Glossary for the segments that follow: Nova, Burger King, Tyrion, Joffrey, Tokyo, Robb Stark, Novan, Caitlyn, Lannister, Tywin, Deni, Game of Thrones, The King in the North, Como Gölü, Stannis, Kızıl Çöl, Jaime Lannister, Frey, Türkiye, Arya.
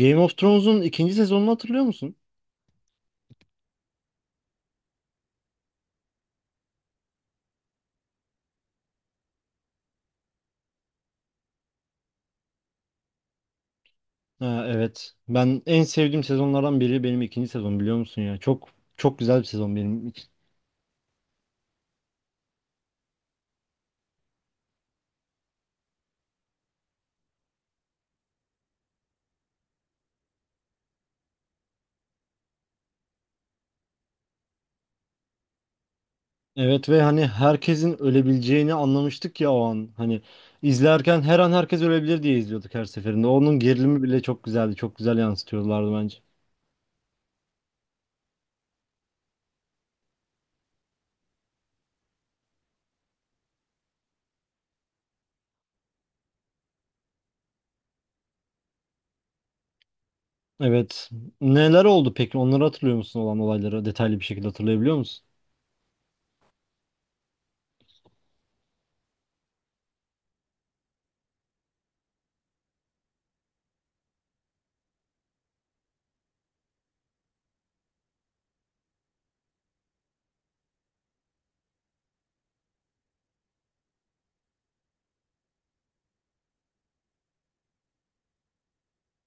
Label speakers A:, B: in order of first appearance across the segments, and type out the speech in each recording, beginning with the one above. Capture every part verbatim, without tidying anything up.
A: Game of Thrones'un ikinci sezonunu hatırlıyor musun? Ha, evet. Ben en sevdiğim sezonlardan biri benim ikinci sezon biliyor musun ya? Çok çok güzel bir sezon benim için. Evet ve hani herkesin ölebileceğini anlamıştık ya o an. Hani izlerken her an herkes ölebilir diye izliyorduk her seferinde. Onun gerilimi bile çok güzeldi. Çok güzel yansıtıyorlardı bence. Evet. Neler oldu peki? Onları hatırlıyor musun olan olayları? Detaylı bir şekilde hatırlayabiliyor musun?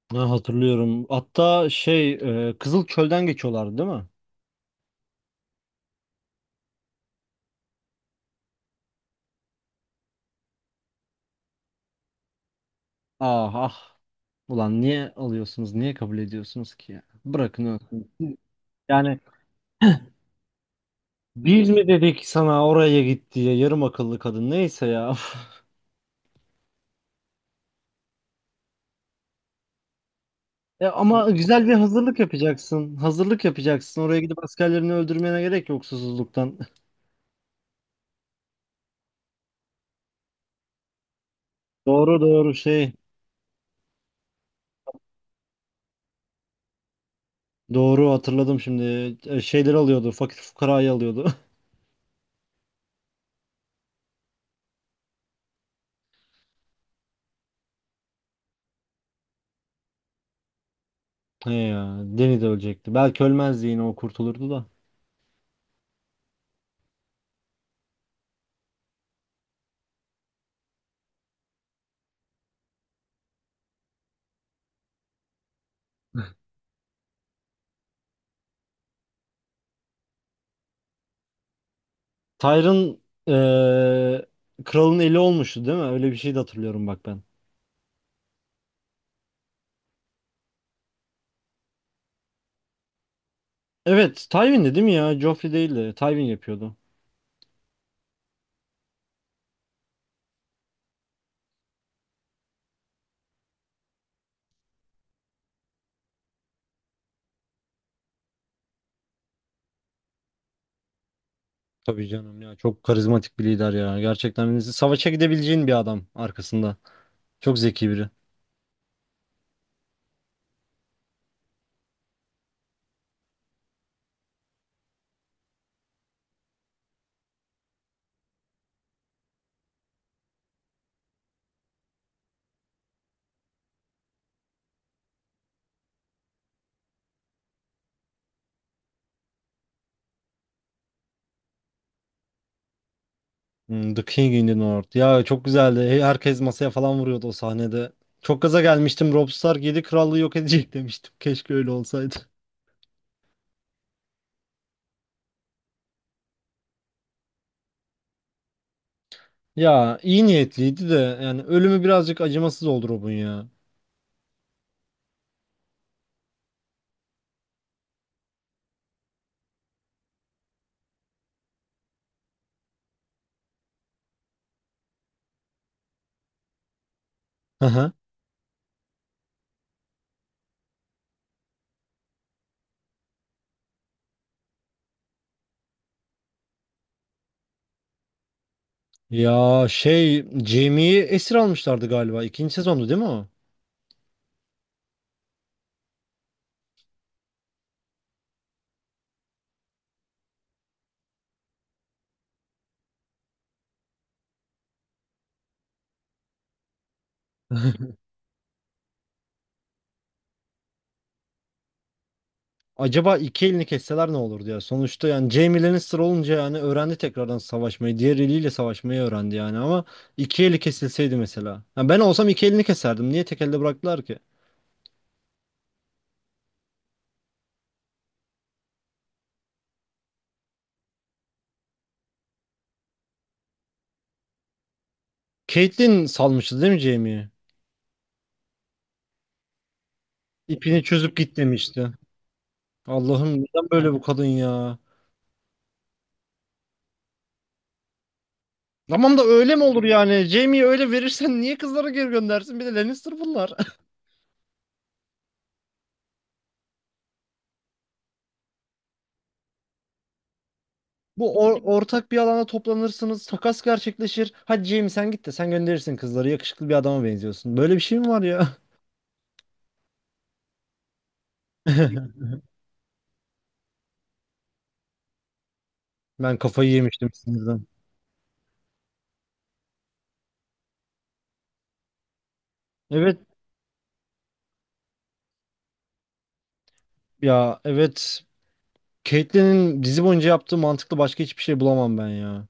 A: Ha, hatırlıyorum. Hatta şey, e, Kızıl Çöl'den geçiyorlardı değil mi? Ah ah. Ulan niye alıyorsunuz? Niye kabul ediyorsunuz ki ya? Bırakın ölsün. Yani biz mi dedik sana oraya git diye yarım akıllı kadın neyse ya. E ama güzel bir hazırlık yapacaksın. Hazırlık yapacaksın. Oraya gidip askerlerini öldürmene gerek yok susuzluktan. Doğru doğru şey. Doğru hatırladım şimdi. E, Şeyleri alıyordu. Fakir fukarayı alıyordu. He ya. Deni de ölecekti. Belki ölmezdi yine o kurtulurdu da. Tyrion e, kralın eli olmuştu değil mi? Öyle bir şey de hatırlıyorum bak ben. Evet, Tywin'di değil mi ya? Joffrey değildi. Tywin yapıyordu. Tabii canım ya çok karizmatik bir lider ya. Gerçekten savaşa gidebileceğin bir adam arkasında. Çok zeki biri. Hmm, The King in the North. Ya çok güzeldi. He- Herkes masaya falan vuruyordu o sahnede. Çok gaza gelmiştim. Robb Stark yedi krallığı yok edecek demiştim. Keşke öyle olsaydı. Ya iyi niyetliydi de yani ölümü birazcık acımasız oldu Robb'un ya. Hı hı. Ya şey Jaime'yi esir almışlardı galiba. İkinci sezondu değil mi o? Acaba iki elini kesseler ne olur diye. Sonuçta yani Jaime Lannister olunca yani öğrendi tekrardan savaşmayı. Diğer eliyle savaşmayı öğrendi yani ama iki eli kesilseydi mesela. Ya ben olsam iki elini keserdim. Niye tek elde bıraktılar ki? Caitlyn salmıştı değil mi Jaime'yi? İpini çözüp git demişti. Allah'ım neden böyle bu kadın ya? Tamam da öyle mi olur yani? Jaime'yi öyle verirsen niye kızlara geri göndersin? Bir de Lannister bunlar. Bu or- ortak bir alana toplanırsınız. Takas gerçekleşir. Hadi Jamie sen git de sen gönderirsin kızları. Yakışıklı bir adama benziyorsun. Böyle bir şey mi var ya? Ben kafayı yemiştim sinirden. Evet ya evet. Caitlyn'in dizi boyunca yaptığı mantıklı başka hiçbir şey bulamam ben ya.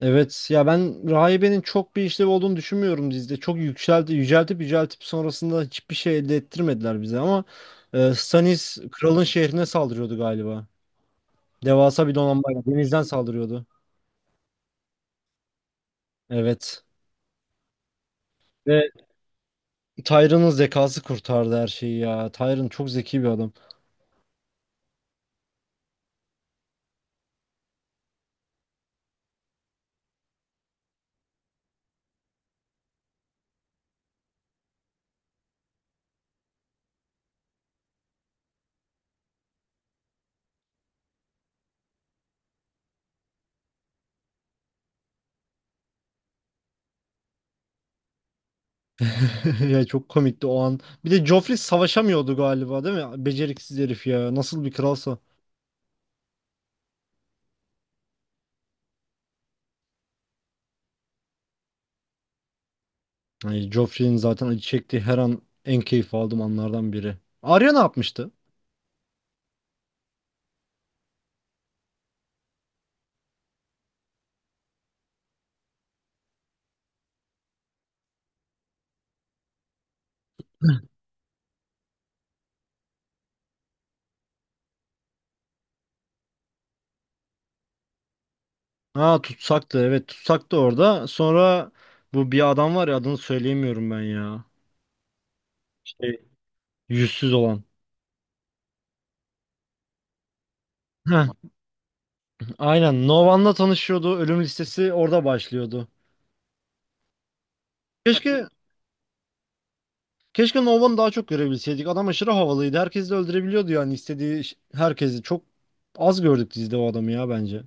A: Evet ya ben Rahibe'nin çok bir işlevi olduğunu düşünmüyorum dizide. Çok yükseldi, yüceltip yüceltip sonrasında hiçbir şey elde ettirmediler bize ama e, Stannis kralın şehrine saldırıyordu galiba. Devasa bir donanmayla denizden saldırıyordu. Evet. Ve Tyron'un zekası kurtardı her şeyi ya. Tyron çok zeki bir adam. Ya çok komikti o an. Bir de Joffrey savaşamıyordu galiba değil mi? Beceriksiz herif ya. Nasıl bir kralsa. Ay, Joffrey'in zaten acı çektiği her an en keyif aldığım anlardan biri. Arya ne yapmıştı? Ha tutsaktı evet tutsaktı orada. Sonra bu bir adam var ya adını söyleyemiyorum ben ya. Şey, yüzsüz olan. Heh, aynen Novan'la tanışıyordu. Ölüm listesi orada başlıyordu. Keşke Keşke Nova'nı daha çok görebilseydik. Adam aşırı havalıydı. Herkesi de öldürebiliyordu yani istediği ş- herkesi. Çok az gördük dizide o adamı ya bence.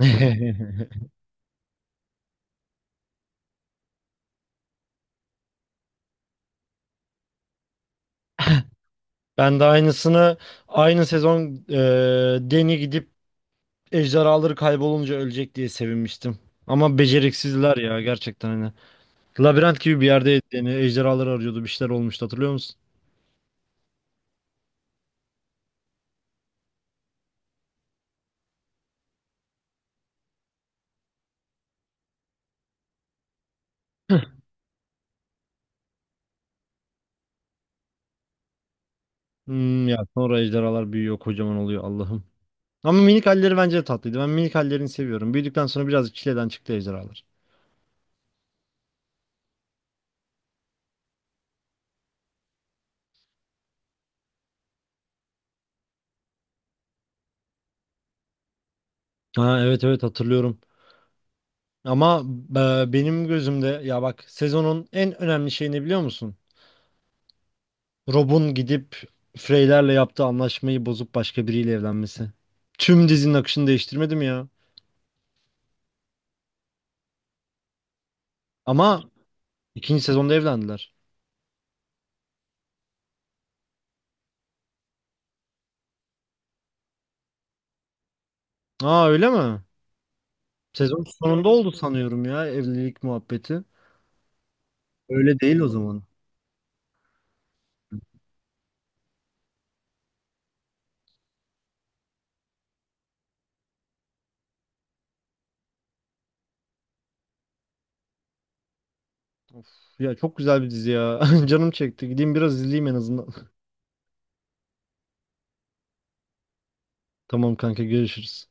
A: Ben de aynısını aynı sezon e, Deni gidip ejderhaları kaybolunca ölecek diye sevinmiştim. Ama beceriksizler ya gerçekten hani. Labirent gibi bir yerdeydi Deni. Ejderhaları arıyordu. Bir şeyler olmuştu hatırlıyor musun? Hmm, ya sonra ejderhalar büyüyor kocaman oluyor Allah'ım. Ama minik halleri bence de tatlıydı. Ben minik hallerini seviyorum. Büyüdükten sonra birazcık çileden çıktı ejderhalar. Ha, evet evet hatırlıyorum. Ama e, benim gözümde ya bak sezonun en önemli şeyini biliyor musun? Rob'un gidip Frey'lerle yaptığı anlaşmayı bozup başka biriyle evlenmesi. Tüm dizinin akışını değiştirmedi mi ya? Ama ikinci sezonda evlendiler. Aa öyle mi? Sezon sonunda oldu sanıyorum ya evlilik muhabbeti. Öyle değil o zaman. Of, ya çok güzel bir dizi ya. Canım çekti. Gideyim biraz izleyeyim en azından. Tamam kanka görüşürüz.